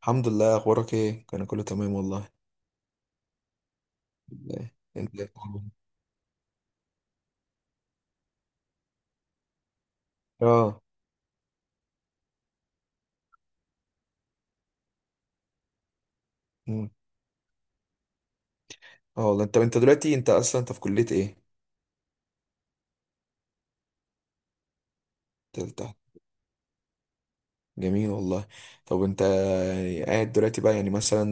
الحمد لله، اخبارك ايه؟ انا كله تمام والله. إيه، انت إيه الأخبار؟ اه. أمم. اه والله، انت دلوقتي انت اصلا في كلية ايه؟ تالتة. جميل والله. طب انت، يعني قاعد دلوقتي بقى، يعني مثلا،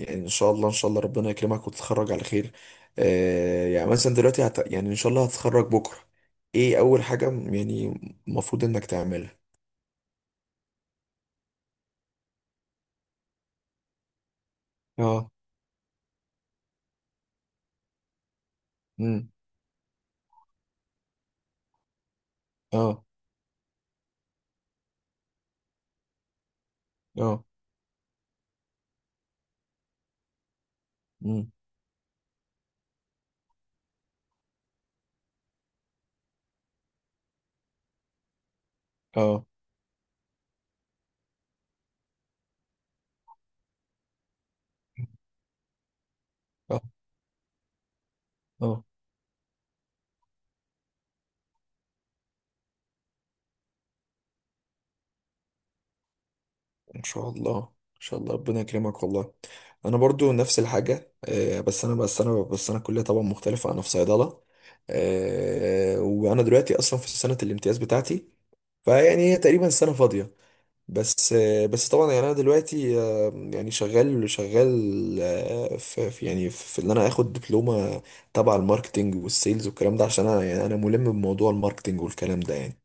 يعني ان شاء الله ان شاء الله ربنا يكرمك وتتخرج على خير. آه يعني مثلا دلوقتي يعني ان شاء الله هتتخرج بكرة. ايه اول حاجة يعني المفروض انك تعملها. اه. امم. اه. اه. امم. اه. اه. ان شاء الله ان شاء الله ربنا يكرمك والله. انا برضو نفس الحاجه، بس انا كليه طبعا مختلفه، انا في صيدله. وانا دلوقتي اصلا في سنه الامتياز بتاعتي، فيعني هي تقريبا سنه فاضيه. بس بس طبعا يعني انا دلوقتي، يعني شغال شغال. يعني في ان انا اخد دبلومه تبع الماركتينج والسيلز والكلام ده، عشان انا يعني انا ملم بموضوع الماركتينج والكلام ده يعني.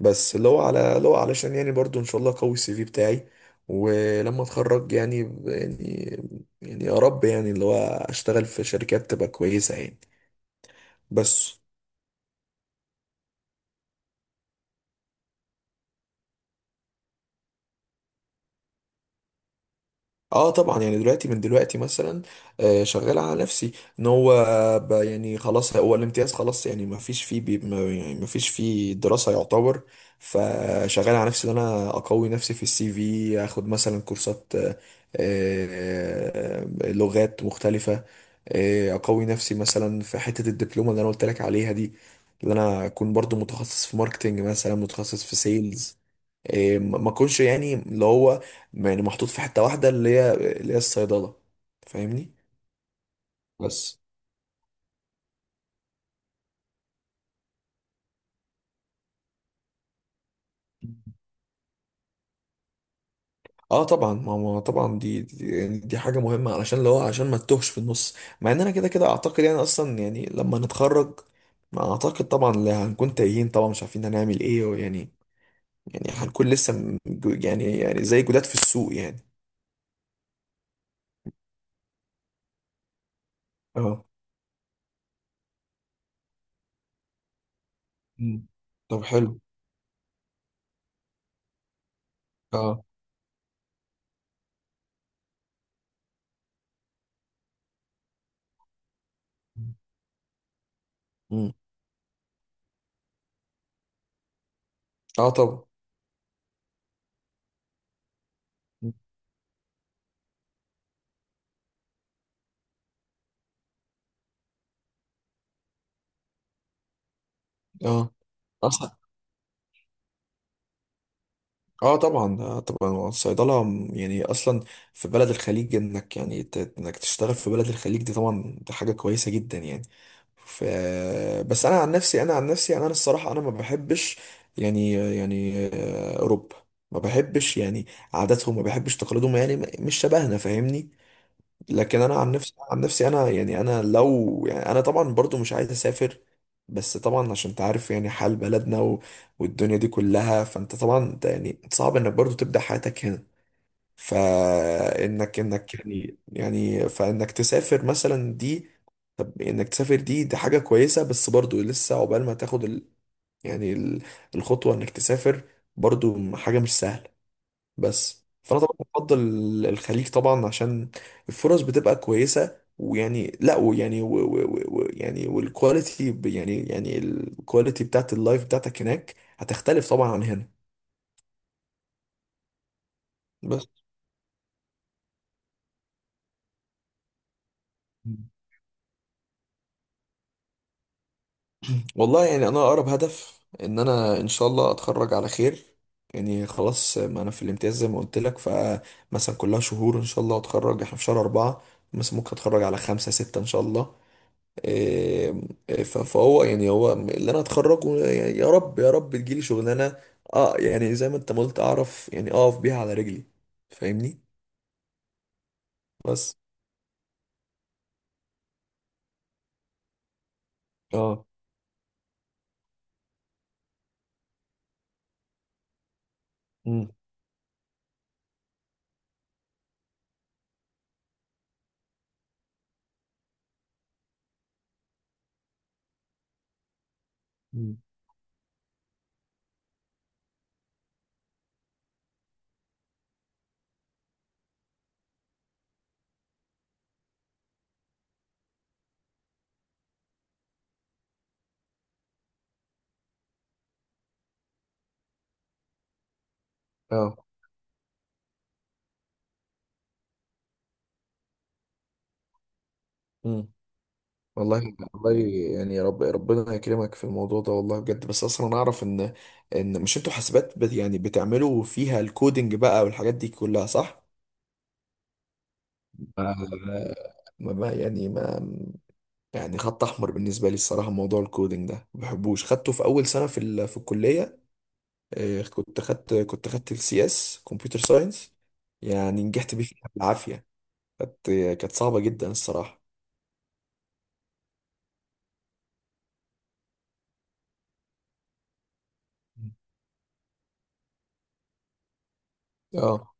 بس اللي هو علشان يعني برضو ان شاء الله قوي السي في بتاعي ولما اتخرج يعني، يعني، يعني يا رب يعني اللي هو اشتغل في شركات تبقى كويسة يعني. بس اه طبعا يعني دلوقتي من دلوقتي مثلا، شغال على نفسي ان هو، يعني خلاص هو الامتياز خلاص، يعني ما فيش فيه دراسة يعتبر. فشغال على نفسي ان انا اقوي نفسي في السي في، اخد مثلا كورسات، آه، لغات مختلفة، اقوي نفسي مثلا في حتة الدبلومة اللي انا قلت لك عليها دي، اللي انا اكون برضو متخصص في ماركتينج، مثلا متخصص في سيلز. إيه، ما اكونش يعني اللي هو، يعني محطوط في حتة واحدة اللي هي، اللي هي الصيدلة. فاهمني؟ بس اه طبعا، ما طبعا، يعني دي حاجة مهمة علشان اللي هو، عشان ما تتوهش في النص. مع ان انا كده كده اعتقد يعني اصلا يعني لما نتخرج، ما اعتقد طبعا اللي هنكون تايهين طبعا مش عارفين هنعمل ايه، ويعني يعني هنكون لسه يعني زي جداد في السوق يعني. اه. مم. طب حلو. اه. مم. اه طبعا. مم. اه. اصلا. اه طبعا، آه طبعا الصيدله يعني اصلا في بلد الخليج، انك يعني انك تشتغل في بلد الخليج دي طبعا، دي حاجه كويسه جدا يعني. ف، بس انا عن نفسي، انا الصراحه انا ما بحبش يعني، اوروبا ما بحبش يعني عاداتهم، ما بحبش تقاليدهم، يعني مش شبهنا. فاهمني؟ لكن انا عن نفسي، انا يعني، انا لو يعني، انا طبعا برضو مش عايز اسافر. بس طبعا عشان تعرف يعني حال بلدنا، و... والدنيا دي كلها، فانت طبعا يعني صعب انك برضو تبدأ حياتك هنا. فانك انك يعني يعني فانك تسافر مثلا دي. طب انك تسافر دي، حاجة كويسة. بس برضو لسه عقبال ما تاخد ال، يعني ال، الخطوة انك تسافر، برضو حاجة مش سهلة. بس فانا طبعا بفضل الخليج طبعا، عشان الفرص بتبقى كويسه. ويعني، لا، ويعني، و و و و يعني والكواليتي، يعني الكواليتي بتاعت اللايف بتاعتك هناك هتختلف طبعا عن هنا. بس والله يعني انا اقرب هدف ان انا ان شاء الله اتخرج على خير، يعني خلاص ما انا في الامتياز زي ما قلت لك. فمثلا كلها شهور ان شاء الله اتخرج، احنا في شهر أربعة، مثلا ممكن اتخرج على خمسة ستة ان شاء الله. آه، فهو يعني هو اللي انا اتخرجه، يعني يا رب يا رب تجيلي شغلانه. اه يعني زي ما انت ما قلت، اعرف يعني اقف بيها على رجلي. فاهمني؟ بس اه. امم. مم. اه. امم. والله والله يعني يا رب ربنا يكرمك في الموضوع ده والله بجد. بس اصلا انا اعرف ان، ان مش انتوا حاسبات يعني بتعملوا فيها الكودينج بقى والحاجات دي كلها، صح؟ ما يعني ما، يعني خط احمر بالنسبه لي الصراحه موضوع الكودينج ده، ما بحبوش. خدته في اول سنه في ال، في الكليه. كنت خدت السي اس كمبيوتر ساينس، يعني نجحت بيه فيها بالعافيه. كانت، صعبه جدا الصراحه. اه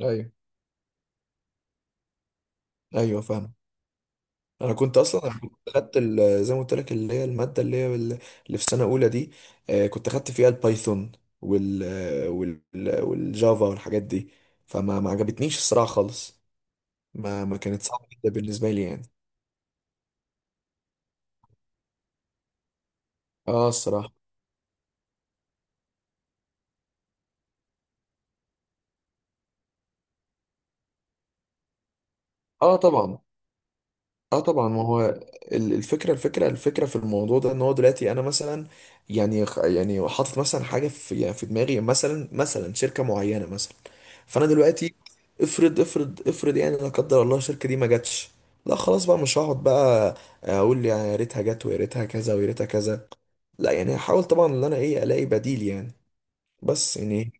ايوه، ايوه فاهم. انا كنت اصلا، أنا زي ما قلت لك اللي هي الماده اللي هي ال، اللي في سنه اولى دي، كنت خدت فيها البايثون، وال وال والجافا والحاجات دي. فما، ما عجبتنيش الصراحه خالص. ما ما كانت صعبه جدا بالنسبه لي يعني. اه الصراحة. اه طبعا، اه طبعا ما هو، الفكرة في الموضوع ده ان هو دلوقتي انا مثلا، يعني يعني حاطط مثلا حاجة في، يعني في دماغي مثلا، مثلا شركة معينة مثلا. فانا دلوقتي، افرض يعني لا قدر الله الشركة دي ما جاتش، لا خلاص بقى، مش هقعد بقى اقول يعني يا ريتها جت ويا ريتها كذا ويا ريتها كذا، لا يعني هحاول طبعا ان انا ايه الاقي بديل يعني. بس يعني،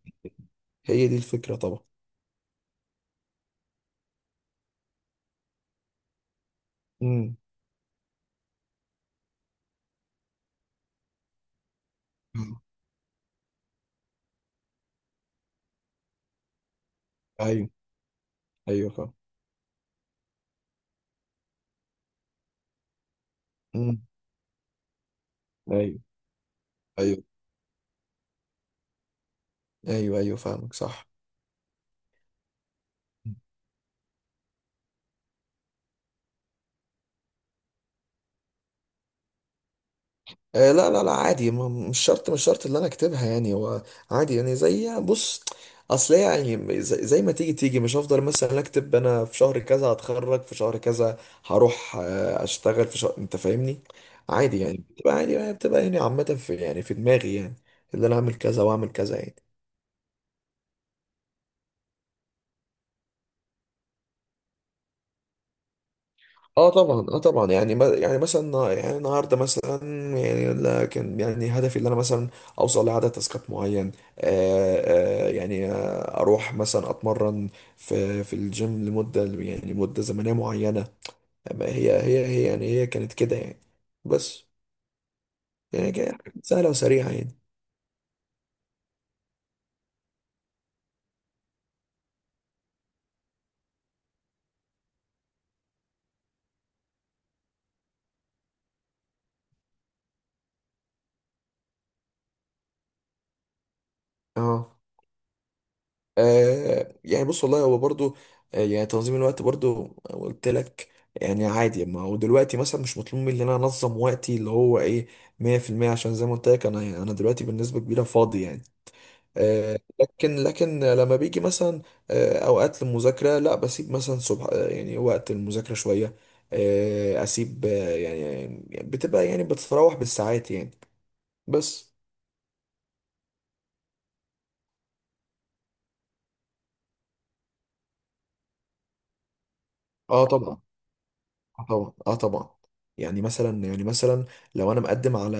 هي دي الفكرة طبعا. امم. ايوه ايوه فاهم. امم. ايوه. ايوه ايوه ايوه فاهمك صح. آه لا لا لا، عادي، مش شرط، اللي انا اكتبها يعني، هو عادي يعني، زي بص، اصل هي يعني زي ما تيجي تيجي، مش هفضل مثلا اكتب انا في شهر كذا هتخرج في شهر كذا، هروح اشتغل في شهر، انت فاهمني. عادي يعني بتبقى عادي، يعني بتبقى يعني عامة في يعني في دماغي يعني، اللي انا اعمل كذا واعمل كذا يعني. اه طبعا، اه طبعا يعني يعني مثلا، يعني النهارده مثلا يعني، لا كان يعني هدفي ان انا مثلا اوصل لعدد تاسكات معين. يعني آه، اروح مثلا اتمرن في في الجيم لمده، يعني مده زمنيه معينه. ما هي، يعني هي كانت كده يعني. بس يعني كانت سهله وسريعه يعني. اه. آه يعني بص والله، هو برضو، آه يعني تنظيم الوقت برضو قلت لك يعني. عادي ما هو دلوقتي مثلا مش مطلوب مني ان انا انظم وقتي اللي هو ايه 100% عشان زي ما قلت لك، انا، انا دلوقتي بالنسبه كبيره فاضي يعني. آه لكن، لما بيجي مثلا آه اوقات للمذاكره، لا بسيب مثلا صبح، يعني وقت المذاكره شويه، اسيب آه يعني، يعني بتبقى، يعني بتتراوح بالساعات يعني. بس اه طبعا، اه طبعا، اه طبعا، يعني مثلا، يعني مثلا لو انا مقدم على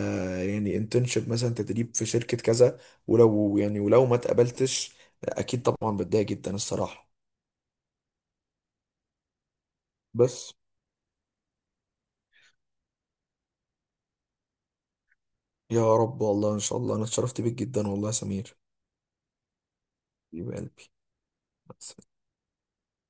يعني انترنشيب مثلا، تدريب في شركة كذا، ولو يعني، ولو ما اتقبلتش، اكيد طبعا بتضايق جدا الصراحة. بس يا رب والله ان شاء الله، انا اتشرفت بيك جدا والله يا سمير، حبيب قلبي.